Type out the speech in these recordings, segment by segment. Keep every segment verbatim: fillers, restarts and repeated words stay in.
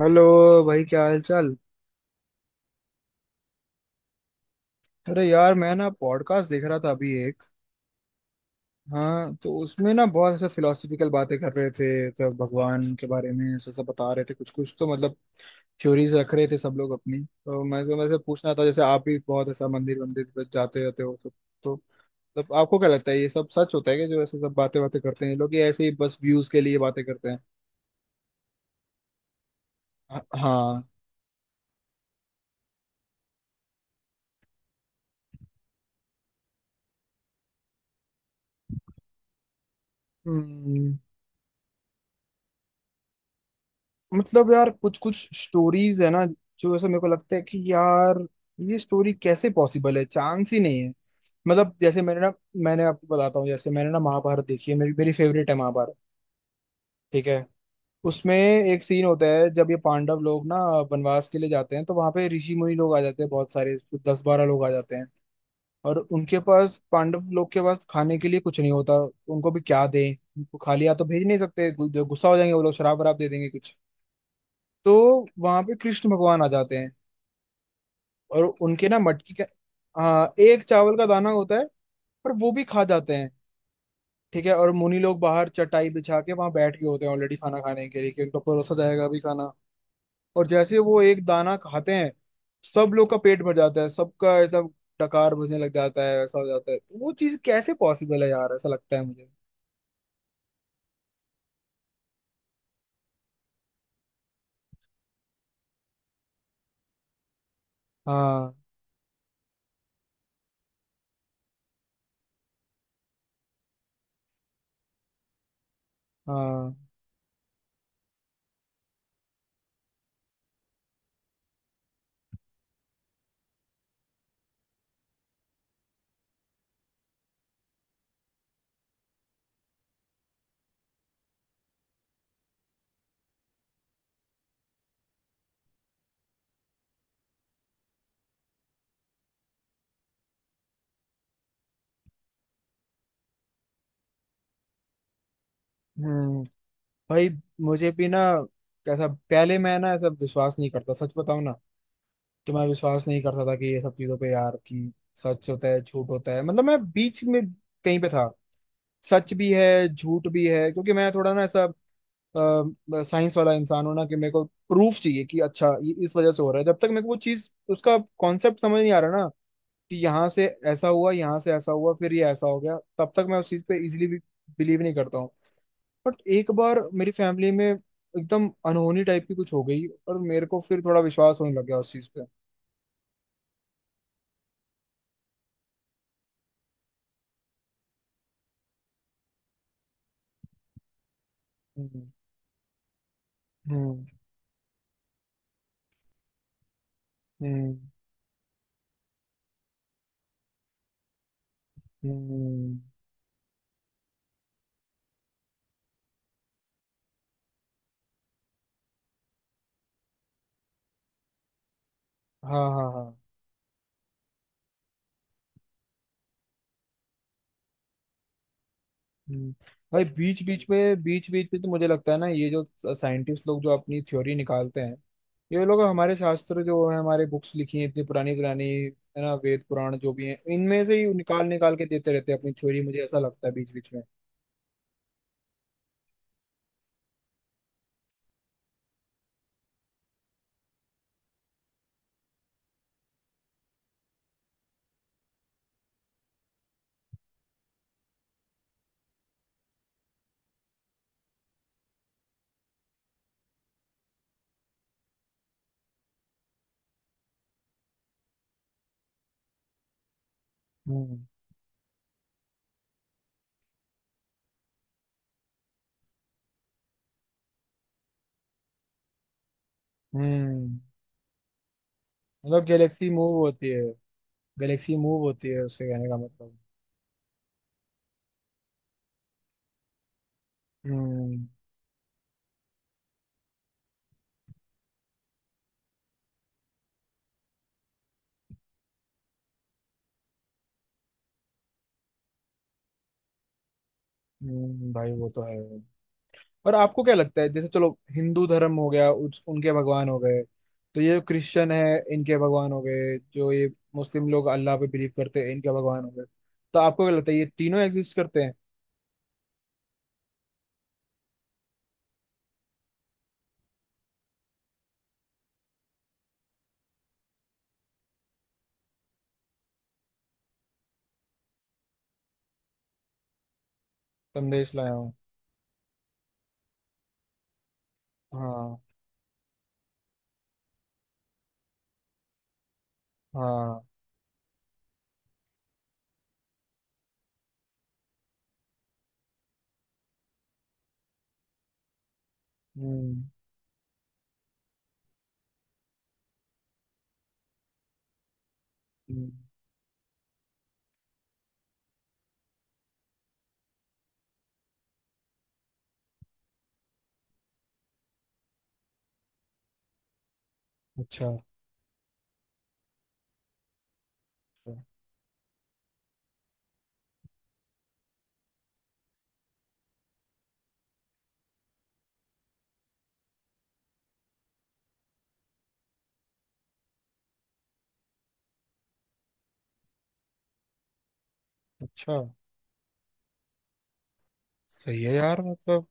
Hello भाई, क्या हाल चाल। अरे यार, मैं ना पॉडकास्ट देख रहा था अभी एक। हाँ, तो उसमें ना बहुत ऐसे फिलोसफिकल बातें कर रहे थे। सब भगवान के बारे में ऐसा सब बता रहे थे, कुछ कुछ तो मतलब थ्योरीज रख रहे थे सब लोग अपनी। तो मैं तो मैं से पूछना था, जैसे आप भी बहुत ऐसा मंदिर मंदिर पर जाते रहते हो तो, तो मतलब आपको क्या लगता है ये सब सच होता है कि जो ऐसे सब बातें बातें करते हैं ये लोग, ये ऐसे ही बस व्यूज के लिए बातें करते हैं। हाँ। हम्म मतलब यार, कुछ कुछ स्टोरीज है ना जो ऐसे मेरे को लगता है कि यार ये स्टोरी कैसे पॉसिबल है, चांस ही नहीं है। मतलब जैसे मैंने ना मैंने आपको बताता हूँ, जैसे मैंने ना महाभारत देखी है, मेरी मेरी फेवरेट है महाभारत। ठीक है। उसमें एक सीन होता है जब ये पांडव लोग ना वनवास के लिए जाते हैं, तो वहां पे ऋषि मुनि लोग आ जाते हैं बहुत सारे, दस बारह लोग आ जाते हैं। और उनके पास, पांडव लोग के पास खाने के लिए कुछ नहीं होता। उनको भी क्या दें, उनको खाली हाथ तो भेज नहीं सकते, गु- गुस्सा हो जाएंगे वो लोग, शराब वराब दे देंगे कुछ। तो वहां पे कृष्ण भगवान आ जाते हैं और उनके ना मटकी का, हाँ, एक चावल का दाना होता है, पर वो भी खा जाते हैं। ठीक है। और मुनि लोग बाहर चटाई बिछा के वहां बैठ गए होते हैं ऑलरेडी खाना खाने के लिए, कि उनको परोसा जाएगा अभी खाना। और जैसे ही वो एक दाना खाते हैं, सब लोग का पेट भर जाता है सबका एकदम, डकार बजने लग जाता है, ऐसा हो जाता है। तो वो चीज कैसे पॉसिबल है यार, ऐसा लगता है मुझे। हाँ, हाँ। हम्म भाई, मुझे भी ना कैसा, पहले मैं ना ऐसा विश्वास नहीं करता, सच बताऊं ना। कि मैं विश्वास नहीं करता था कि ये सब चीजों पे यार, कि सच होता है झूठ होता है, मतलब मैं बीच में कहीं पे था। सच भी है झूठ भी है, क्योंकि मैं थोड़ा ना ऐसा साइंस वाला इंसान हूं ना, कि मेरे को प्रूफ चाहिए कि अच्छा ये इस वजह से हो रहा है। जब तक मेरे को वो चीज, उसका कॉन्सेप्ट समझ नहीं आ रहा ना, कि यहाँ से ऐसा हुआ, यहाँ से ऐसा हुआ, फिर ये ऐसा हो गया, तब तक मैं उस चीज पे इजिली भी बिलीव नहीं करता हूँ। बट एक बार मेरी फैमिली में एकदम अनहोनी टाइप की कुछ हो गई, और मेरे को फिर थोड़ा विश्वास होने लग गया उस चीज पे। हम्म हम्म हम्म हम्म, हाँ, हाँ, हाँ। हम्म। भाई, बीच बीच में, बीच बीच में तो मुझे लगता है ना, ये जो साइंटिस्ट लोग जो अपनी थ्योरी निकालते हैं, ये लोग हमारे शास्त्र जो है, हमारे बुक्स लिखी हैं इतनी पुरानी पुरानी, है ना, वेद पुराण जो भी हैं, इनमें से ही निकाल निकाल के देते रहते हैं अपनी थ्योरी, मुझे ऐसा लगता है बीच बीच में। हम्म हम्म मतलब गैलेक्सी मूव होती है, गैलेक्सी मूव होती है उसके कहने का मतलब। हम्म हम्म भाई वो तो है। और आपको क्या लगता है, जैसे चलो हिंदू धर्म हो गया उस, उनके भगवान हो गए, तो ये क्रिश्चियन है, इनके भगवान हो गए, जो ये मुस्लिम लोग अल्लाह पे बिलीव करते हैं, इनके भगवान हो गए। तो आपको क्या लगता है ये तीनों एग्जिस्ट करते हैं? संदेश लाया हूँ। हाँ, हाँ। हम्म हम्म, अच्छा। अच्छा। अच्छा, सही है यार मतलब।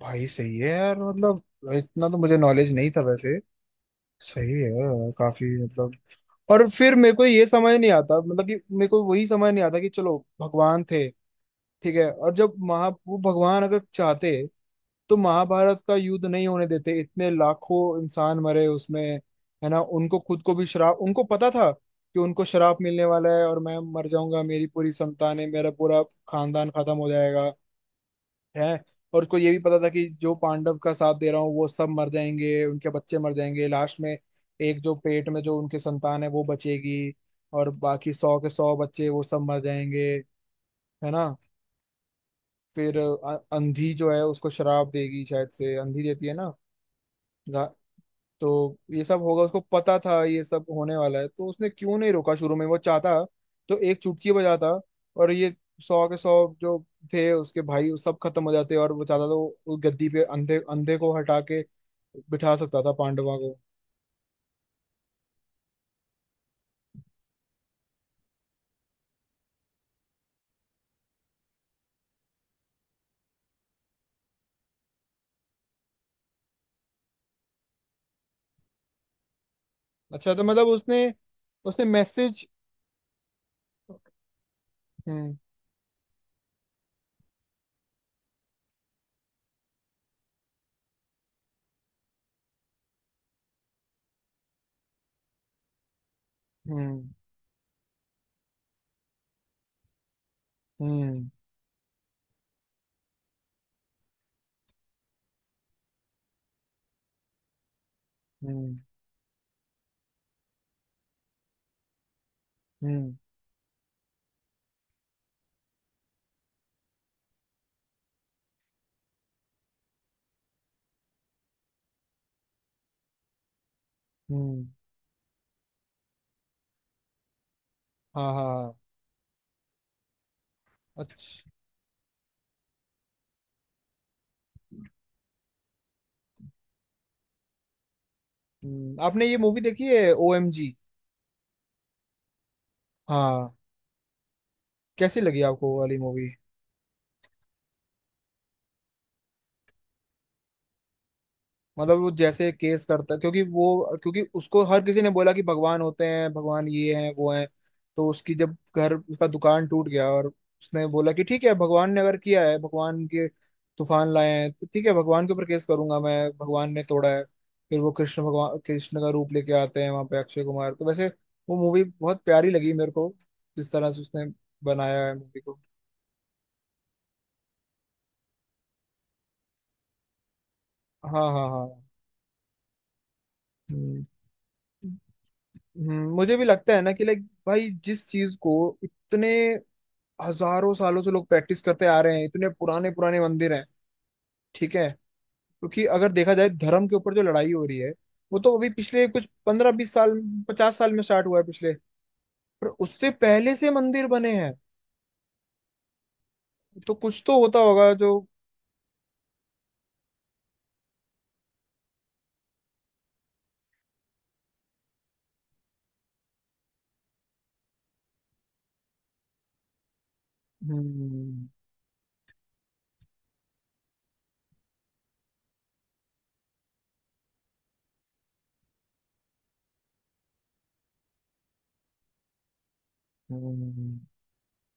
भाई सही है यार मतलब, इतना तो मुझे नॉलेज नहीं था वैसे। सही है यार, काफी मतलब। और फिर मेरे को ये समझ नहीं आता, मतलब कि मेरे को वही समझ नहीं आता, कि चलो भगवान थे, ठीक है, और जब महा, वो भगवान अगर चाहते तो महाभारत का युद्ध नहीं होने देते, इतने लाखों इंसान मरे उसमें। है ना, उनको खुद को भी श्राप, उनको पता था कि उनको श्राप मिलने वाला है, और मैं मर जाऊंगा, मेरी पूरी संतानें, मेरा पूरा खानदान खत्म हो जाएगा है। और उसको ये भी पता था कि जो पांडव का साथ दे रहा हूँ, वो सब मर जाएंगे, उनके बच्चे मर जाएंगे लास्ट में, एक जो पेट में जो उनके संतान है वो बचेगी, और बाकी सौ के सौ बच्चे वो सब मर जाएंगे, है ना। फिर अ- अंधी जो है उसको शराब देगी, शायद से अंधी देती है ना। गा- तो ये सब होगा उसको पता था, ये सब होने वाला है, तो उसने क्यों नहीं रोका शुरू में? वो चाहता तो एक चुटकी बजाता और ये सौ के सौ जो थे उसके भाई, वो सब खत्म हो जाते। और वो चाहता तो उस गद्दी पे अंधे, अंधे को हटा के बिठा सकता था पांडवा को। अच्छा, तो मतलब उसने, उसने मैसेज। हम्म हम्म हम्म हम्म हम्म हम्म हाँ, हाँ, हाँ। अच्छा। हम्म, आपने ये मूवी देखी है ओ एम जी? हाँ। कैसी लगी आपको वो वाली मूवी? मतलब वो जैसे केस करता, क्योंकि वो, क्योंकि उसको हर किसी ने बोला कि भगवान होते हैं, भगवान ये हैं वो हैं, तो उसकी जब घर, उसका दुकान टूट गया, और उसने बोला कि ठीक है, भगवान ने अगर किया है, भगवान के तूफान लाए हैं, तो ठीक है भगवान के ऊपर केस करूंगा मैं, भगवान ने तोड़ा है। फिर वो कृष्ण भगवान, कृष्ण का रूप लेके आते हैं वहां पे अक्षय कुमार, तो वैसे वो मूवी बहुत प्यारी लगी मेरे को, जिस तरह से उसने बनाया है मूवी को। हाँ, हाँ, हाँ, हाँ। हम्म, हम्म, मुझे भी लगता है ना कि लाइक भाई, जिस चीज को इतने हजारों सालों से लोग प्रैक्टिस करते आ रहे हैं, इतने पुराने पुराने मंदिर हैं, ठीक है, क्योंकि अगर देखा जाए धर्म के ऊपर जो लड़ाई हो रही है, वो तो अभी पिछले कुछ पंद्रह बीस साल, पचास साल में स्टार्ट हुआ है पिछले, पर उससे पहले से मंदिर बने हैं। तो कुछ तो होता होगा जो। हम्म हम्म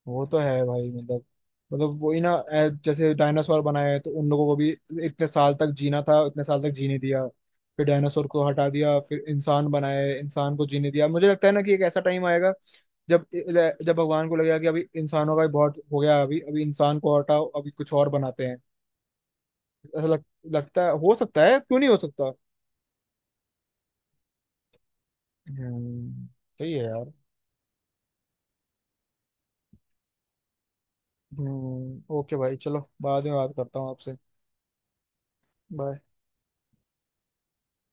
वो तो है भाई, मतलब मतलब वही ना, ऐ- जैसे डायनासोर बनाए हैं, तो उन लोगों को भी इतने साल तक जीना था, इतने साल तक जीने दिया, फिर डायनासोर को हटा दिया, फिर इंसान बनाए, इंसान को जीने दिया। मुझे लगता है ना कि एक ऐसा टाइम आएगा जब, जब भगवान को लगेगा कि अभी इंसानों का भी बहुत हो गया, अभी अभी इंसान को हटाओ, अभी कुछ और बनाते हैं। ऐसा लग, लगता है, हो सकता है, क्यों नहीं हो सकता। हम्म सही है यार। हम्म ओके भाई, चलो बाद में बात करता हूँ आपसे। बाय।